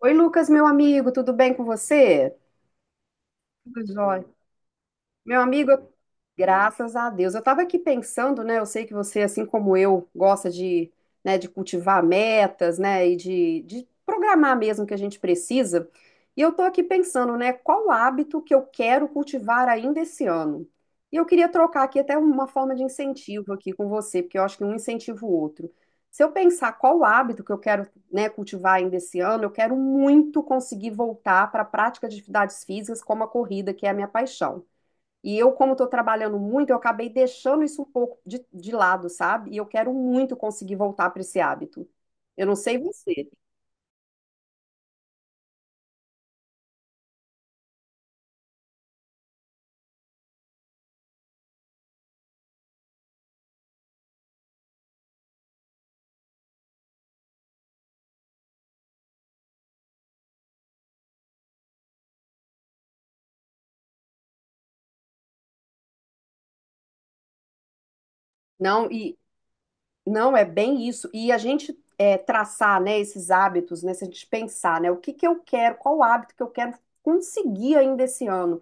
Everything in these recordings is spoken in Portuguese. Oi, Lucas, meu amigo, tudo bem com você? Tudo jóia. Meu amigo, graças a Deus. Eu estava aqui pensando, né? Eu sei que você, assim como eu, gosta de cultivar metas, né? E de programar mesmo o que a gente precisa. E eu estou aqui pensando, né? Qual hábito que eu quero cultivar ainda esse ano? E eu queria trocar aqui até uma forma de incentivo aqui com você, porque eu acho que um incentiva o outro. Se eu pensar qual hábito que eu quero, né, cultivar ainda esse ano, eu quero muito conseguir voltar para a prática de atividades físicas como a corrida, que é a minha paixão. E eu, como estou trabalhando muito, eu acabei deixando isso um pouco de lado, sabe? E eu quero muito conseguir voltar para esse hábito. Eu não sei você. Não, e não é bem isso. E a gente traçar, né, esses hábitos, né, se a gente pensar, né, o que que eu quero, qual hábito que eu quero conseguir ainda esse ano.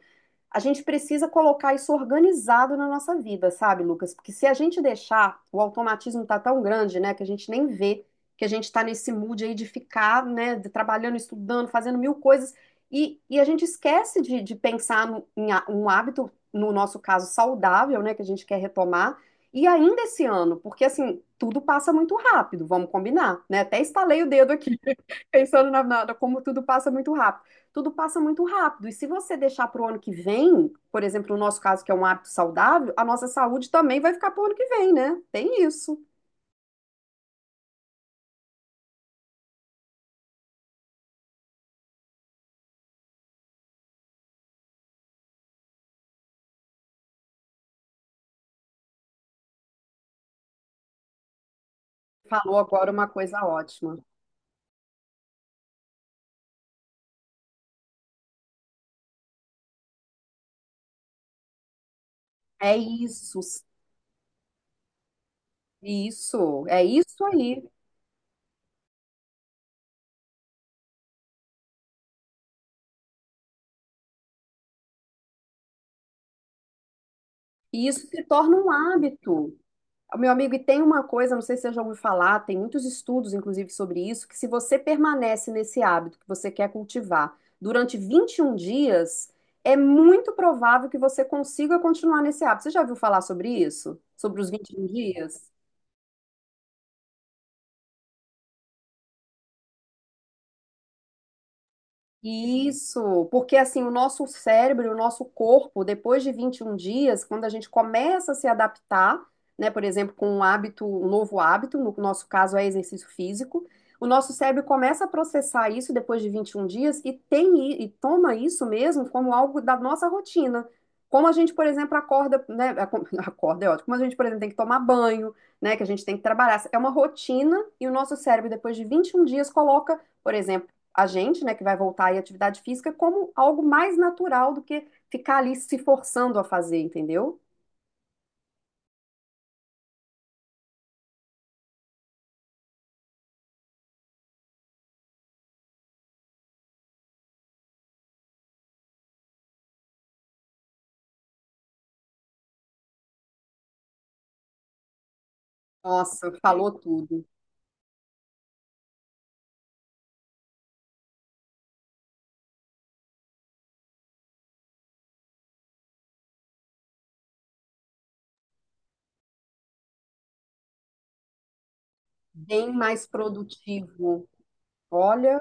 A gente precisa colocar isso organizado na nossa vida, sabe, Lucas? Porque se a gente deixar, o automatismo tá tão grande, né, que a gente nem vê que a gente está nesse mood aí de ficar, né, trabalhando, estudando, fazendo mil coisas, e a gente esquece de pensar em um hábito, no nosso caso, saudável, né, que a gente quer retomar, e ainda esse ano, porque assim, tudo passa muito rápido, vamos combinar, né? Até estalei o dedo aqui pensando como tudo passa muito rápido. Tudo passa muito rápido. E se você deixar para o ano que vem, por exemplo, no nosso caso, que é um hábito saudável, a nossa saúde também vai ficar para o ano que vem, né? Tem isso. Falou agora uma coisa ótima. É isso, isso, é isso aí. E isso se torna um hábito. Meu amigo, e tem uma coisa, não sei se você já ouviu falar, tem muitos estudos, inclusive, sobre isso, que se você permanece nesse hábito que você quer cultivar durante 21 dias, é muito provável que você consiga continuar nesse hábito. Você já ouviu falar sobre isso? Sobre os 21 dias? Isso, porque assim, o nosso cérebro, o nosso corpo, depois de 21 dias, quando a gente começa a se adaptar, né, por exemplo, com um hábito, um novo hábito, no nosso caso é exercício físico, o nosso cérebro começa a processar isso depois de 21 dias e e toma isso mesmo como algo da nossa rotina. Como a gente, por exemplo, acorda, né, acorda é ótimo, como a gente, por exemplo, tem que tomar banho, né, que a gente tem que trabalhar, é uma rotina e o nosso cérebro depois de 21 dias coloca, por exemplo, a gente, né, que vai voltar aí à atividade física, como algo mais natural do que ficar ali se forçando a fazer, entendeu? Nossa, falou tudo. Bem mais produtivo. Olha,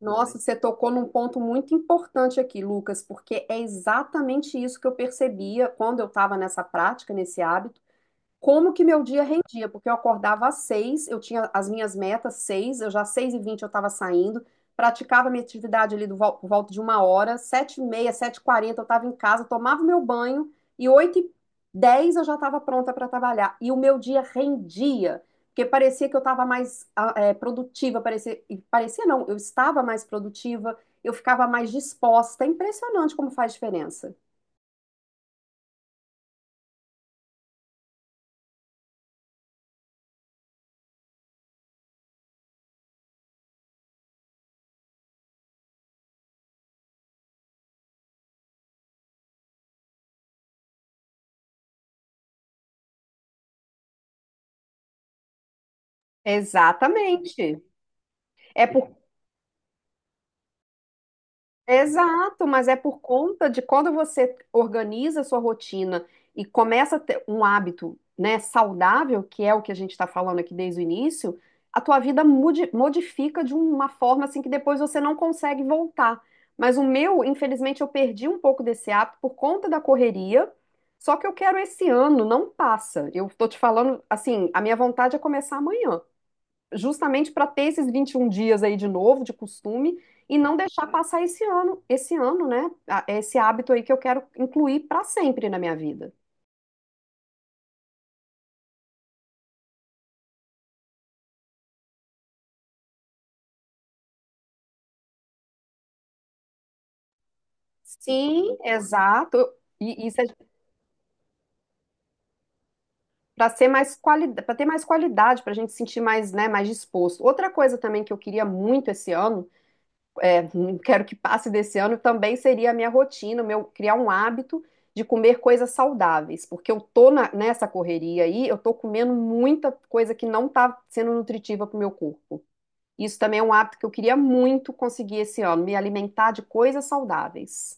nossa, você tocou num ponto muito importante aqui, Lucas, porque é exatamente isso que eu percebia quando eu estava nessa prática, nesse hábito. Como que meu dia rendia, porque eu acordava às 6h, eu tinha as minhas metas 6h, eu já às 6h20 eu estava saindo, praticava minha atividade ali por volta de uma hora, 7h30, 7h40 eu estava em casa, tomava meu banho e 8h10 eu já estava pronta para trabalhar. E o meu dia rendia, porque parecia que eu estava mais produtiva, parecia, e parecia não, eu estava mais produtiva, eu ficava mais disposta. É impressionante como faz diferença. Exatamente. É Exato, mas é por conta de quando você organiza a sua rotina e começa a ter um hábito, né, saudável, que é o que a gente está falando aqui desde o início, a tua vida modifica de uma forma assim que depois você não consegue voltar. Mas o meu, infelizmente, eu perdi um pouco desse hábito por conta da correria, só que eu quero esse ano, não passa. Eu tô te falando, assim, a minha vontade é começar amanhã justamente para ter esses 21 dias aí de novo, de costume, e não deixar passar esse ano, né? Esse hábito aí que eu quero incluir para sempre na minha vida. Sim, exato. E isso é para ser mais qualidade, para ter mais qualidade, para a gente se sentir mais, né, mais disposto. Outra coisa também que eu queria muito esse ano é, quero que passe desse ano, também seria a minha rotina, meu criar um hábito de comer coisas saudáveis, porque eu tô nessa correria aí, eu tô comendo muita coisa que não tá sendo nutritiva pro meu corpo. Isso também é um hábito que eu queria muito conseguir esse ano, me alimentar de coisas saudáveis.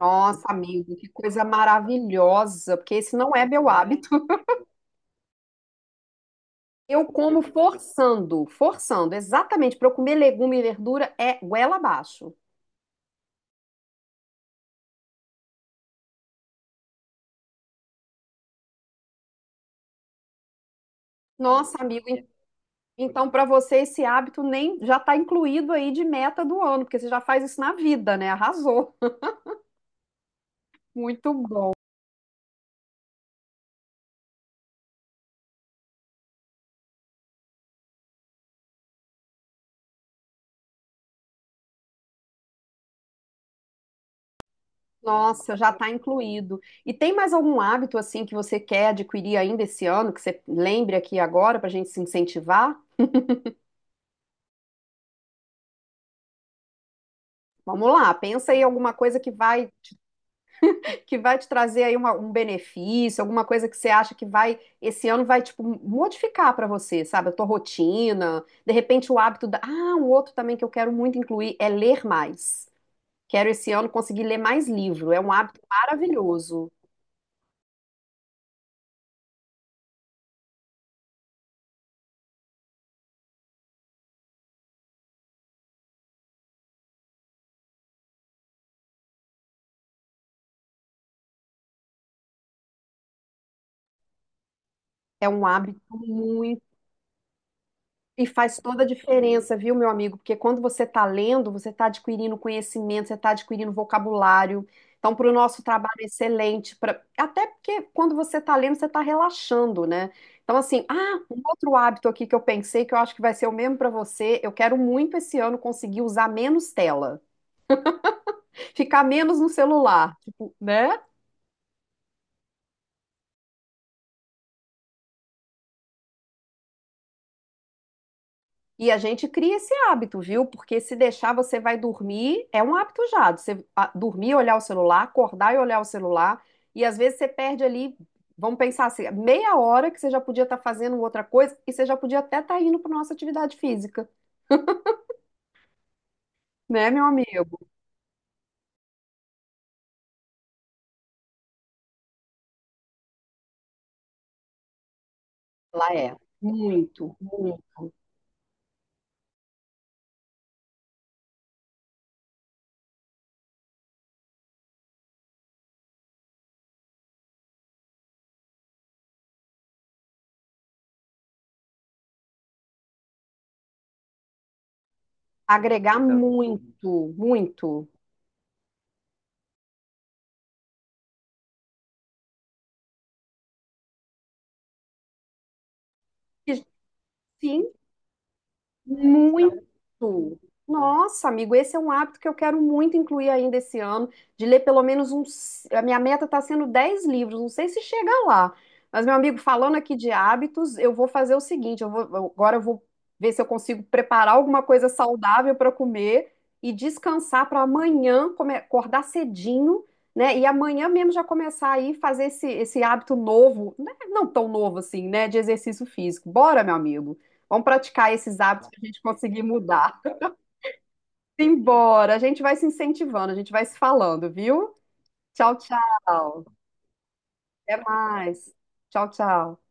Nossa, amigo, que coisa maravilhosa, porque esse não é meu hábito. Eu como forçando, forçando, exatamente, para eu comer legume e verdura é goela abaixo. Nossa, amigo. Então, para você, esse hábito nem já está incluído aí de meta do ano, porque você já faz isso na vida, né? Arrasou. Muito bom. Nossa, já está incluído. E tem mais algum hábito assim que você quer adquirir ainda esse ano, que você lembre aqui agora para a gente se incentivar? Vamos lá, pensa aí alguma coisa que vai te trazer aí um benefício, alguma coisa que você acha que vai esse ano vai tipo modificar para você, sabe? A tua rotina, de repente ah, um outro também que eu quero muito incluir é ler mais. Quero esse ano conseguir ler mais livro. É um hábito maravilhoso. É um hábito muito. E faz toda a diferença, viu, meu amigo? Porque quando você está lendo, você está adquirindo conhecimento, você está adquirindo vocabulário. Então, para o nosso trabalho é excelente. Até porque quando você está lendo, você está relaxando, né? Então, assim, um outro hábito aqui que eu pensei, que eu acho que vai ser o mesmo para você. Eu quero muito esse ano conseguir usar menos tela, ficar menos no celular, tipo, né? E a gente cria esse hábito, viu? Porque se deixar, você vai dormir, é um hábito já. Você dormir, e olhar o celular, acordar e olhar o celular. E às vezes você perde ali, vamos pensar assim, meia hora que você já podia estar fazendo outra coisa e você já podia até estar indo para nossa atividade física, né, meu amigo? Lá é. Muito, muito. Agregar. Então, muito, muito. E. Sim. Então. Muito! Nossa, amigo, esse é um hábito que eu quero muito incluir ainda esse ano, de ler pelo menos uns. A minha meta está sendo 10 livros, não sei se chega lá. Mas, meu amigo, falando aqui de hábitos, eu vou fazer o seguinte: agora eu vou ver se eu consigo preparar alguma coisa saudável para comer e descansar para amanhã, acordar cedinho, né? E amanhã mesmo já começar aí fazer esse hábito novo, né, não tão novo assim, né? De exercício físico. Bora, meu amigo. Vamos praticar esses hábitos para a gente conseguir mudar. Embora, a gente vai se incentivando, a gente vai se falando, viu? Tchau, tchau. Até mais. Tchau, tchau.